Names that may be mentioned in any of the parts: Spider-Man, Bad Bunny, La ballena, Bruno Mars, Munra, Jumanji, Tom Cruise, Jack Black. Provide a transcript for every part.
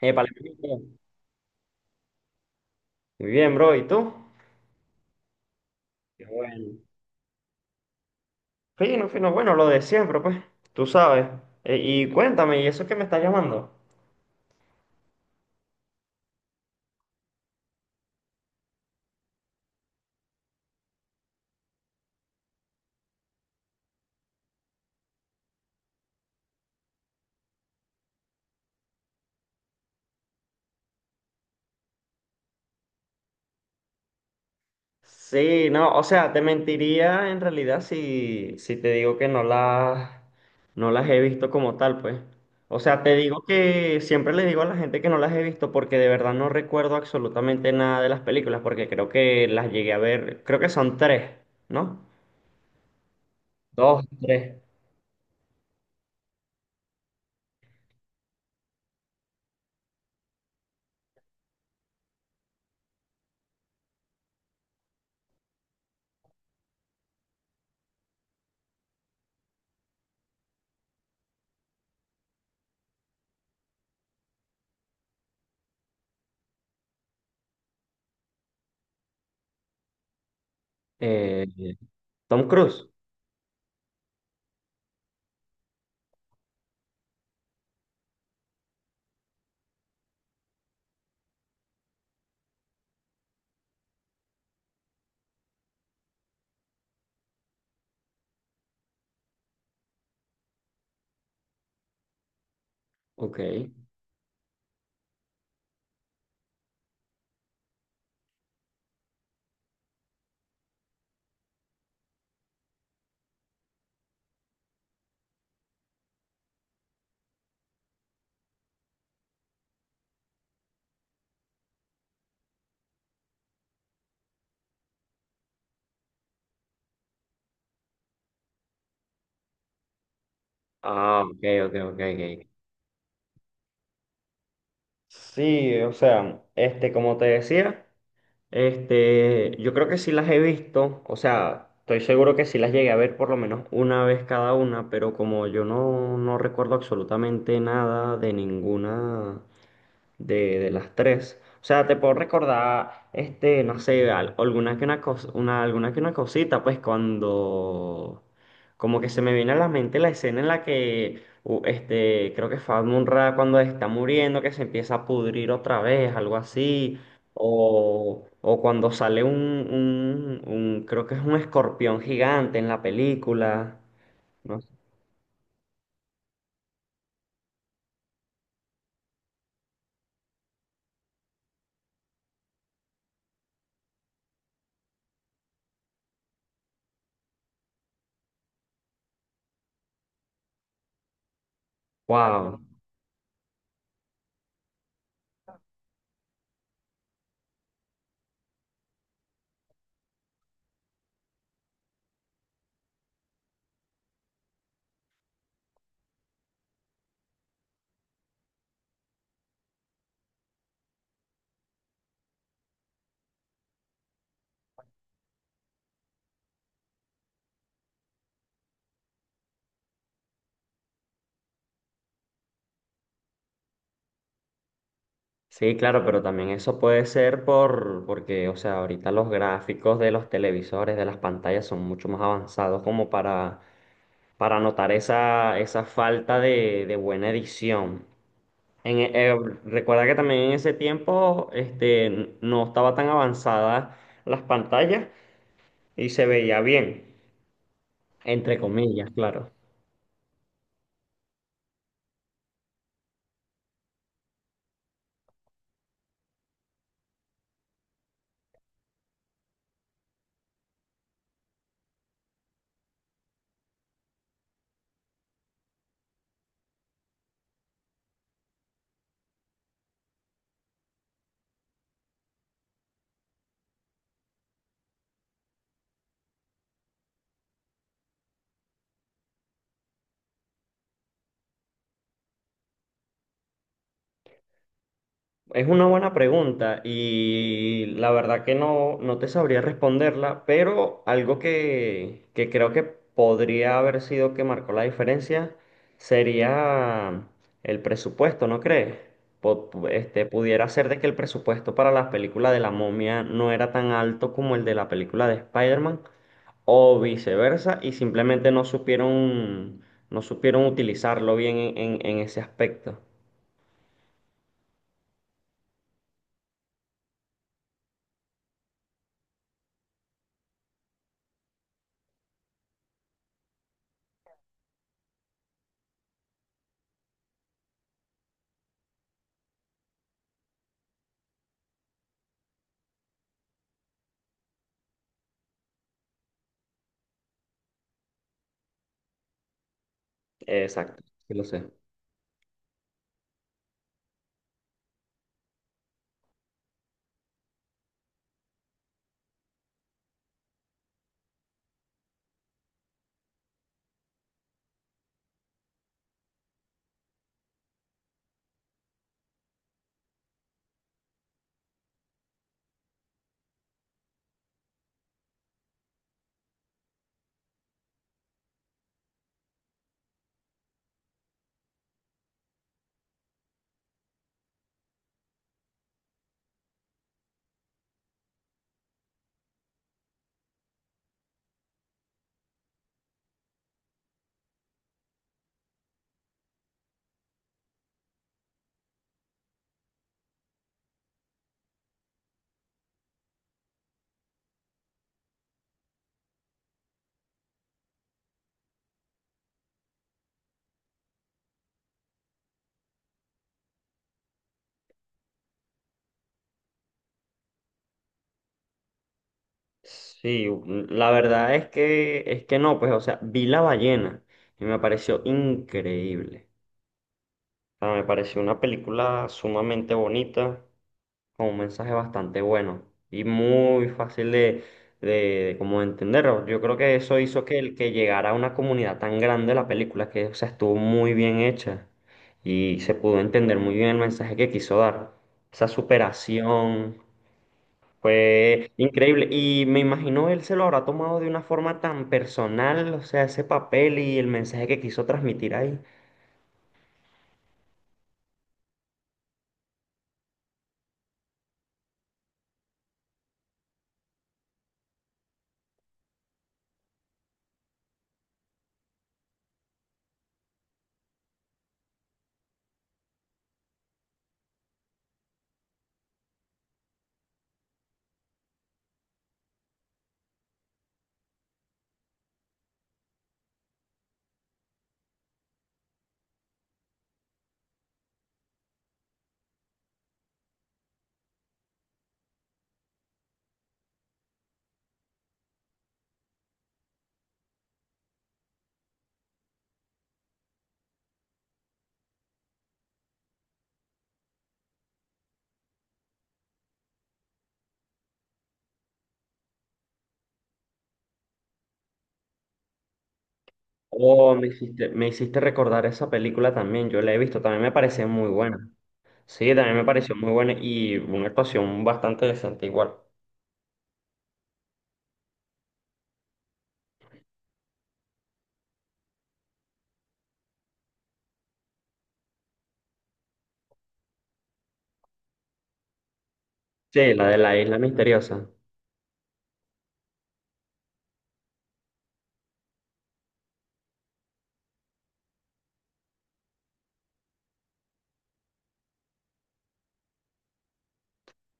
Épale, muy bien, bro. ¿Y tú? Qué bueno. Fino, fino, bueno, lo de siempre, pues, tú sabes. Y cuéntame, ¿y eso que me estás llamando? Sí, no, o sea, te mentiría en realidad si te digo que no las he visto como tal, pues. O sea, te digo que siempre le digo a la gente que no las he visto porque de verdad no recuerdo absolutamente nada de las películas, porque creo que las llegué a ver, creo que son tres, ¿no? Dos, tres. Eh, Tom Cruise. Ok. Ah, ok, ok, ok, ok. Sí, o sea, este, como te decía, este, yo creo que sí las he visto, o sea, estoy seguro que sí las llegué a ver por lo menos una vez cada una, pero como yo no recuerdo absolutamente nada de ninguna, de las tres. O sea, te puedo recordar, este, no sé, alguna que una alguna que una cosita, pues cuando como que se me viene a la mente la escena en la que este, creo que fue Munra cuando está muriendo, que se empieza a pudrir otra vez, algo así. O cuando sale un, creo que es un escorpión gigante en la película. No sé. Wow. Sí, claro, pero también eso puede ser porque, o sea, ahorita los gráficos de los televisores, de las pantallas son mucho más avanzados como para notar esa, esa falta de buena edición. Eh, recuerda que también en ese tiempo, este, no estaba tan avanzadas las pantallas y se veía bien, entre comillas, claro. Es una buena pregunta y la verdad que no te sabría responderla, pero algo que creo que podría haber sido que marcó la diferencia sería el presupuesto, ¿no crees? Este, pudiera ser de que el presupuesto para la película de la momia no era tan alto como el de la película de Spider-Man o viceversa y simplemente no supieron, no supieron utilizarlo bien en en ese aspecto. Exacto, sí lo sé. Sí, mm, la verdad es es que no, pues, o sea, vi La Ballena y me pareció increíble. O sea, me pareció una película sumamente bonita, con un mensaje bastante bueno y muy fácil de como entenderlo. Yo creo que eso hizo que llegara a una comunidad tan grande la película, que, o sea, estuvo muy bien hecha y se pudo entender muy bien el mensaje que quiso dar. Esa superación. Fue increíble. Y me imagino él se lo habrá tomado de una forma tan personal, o sea, ese papel y el mensaje que quiso transmitir ahí. Oh, me hiciste recordar esa película también, yo la he visto, también me parece muy buena. Sí, también me pareció muy buena y una actuación bastante decente igual. Sí, la de la isla misteriosa.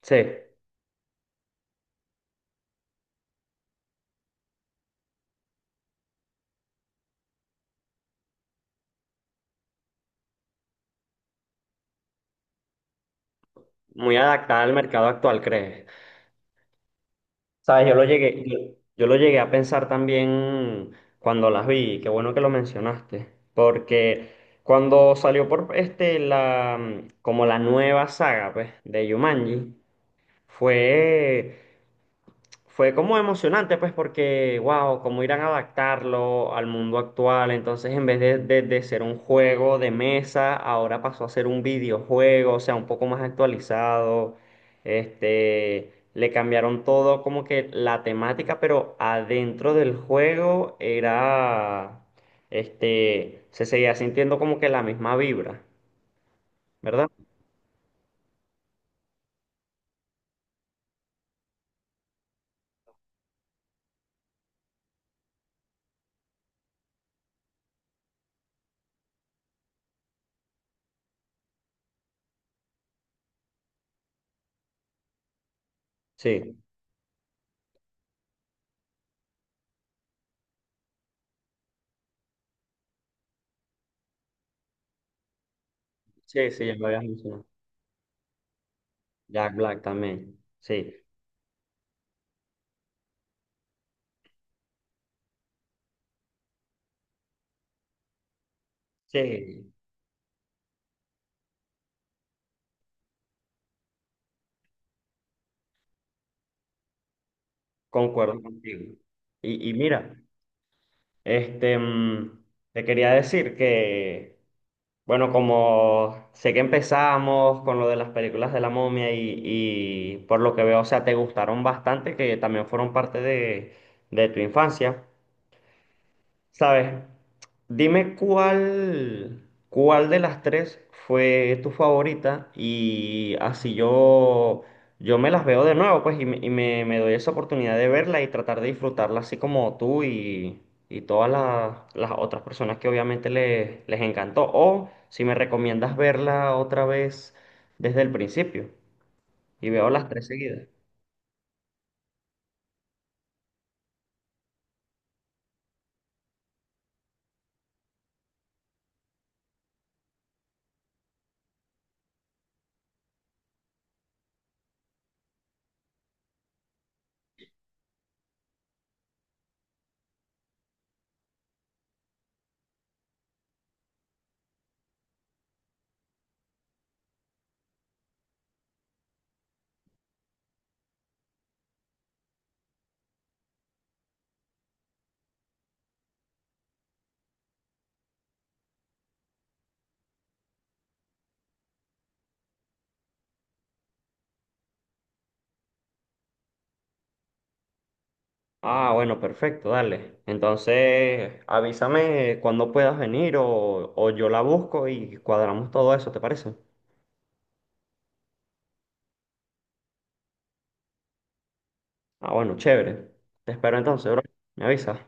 Sí, muy adaptada al mercado actual, ¿crees? Sabes, yo lo llegué a pensar también cuando las vi, y qué bueno que lo mencionaste, porque cuando salió por este la como la nueva saga pues, de Jumanji, fue fue como emocionante, pues, porque, wow, cómo irán a adaptarlo al mundo actual. Entonces, en vez de ser un juego de mesa, ahora pasó a ser un videojuego, o sea, un poco más actualizado. Este, le cambiaron todo, como que la temática, pero adentro del juego era, este, se seguía sintiendo como que la misma vibra, ¿verdad? Sí, sí, sí, ya lo habías mencionado. Jack Black también, sí, sí. Concuerdo contigo. Y mira, este, mm, te quería decir que, bueno, como sé que empezamos con lo de las películas de la momia y por lo que veo, o sea, te gustaron bastante, que también fueron parte de tu infancia. ¿Sabes? Dime cuál, cuál de las tres fue tu favorita y así yo me las veo de nuevo, pues, me doy esa oportunidad de verla y tratar de disfrutarla así como tú y todas las otras personas que obviamente les encantó. O si me recomiendas verla otra vez desde el principio y veo las tres seguidas. Ah, bueno, perfecto, dale. Entonces, avísame cuando puedas venir o yo la busco y cuadramos todo eso, ¿te parece? Ah, bueno, chévere. Te espero entonces, bro. Me avisas.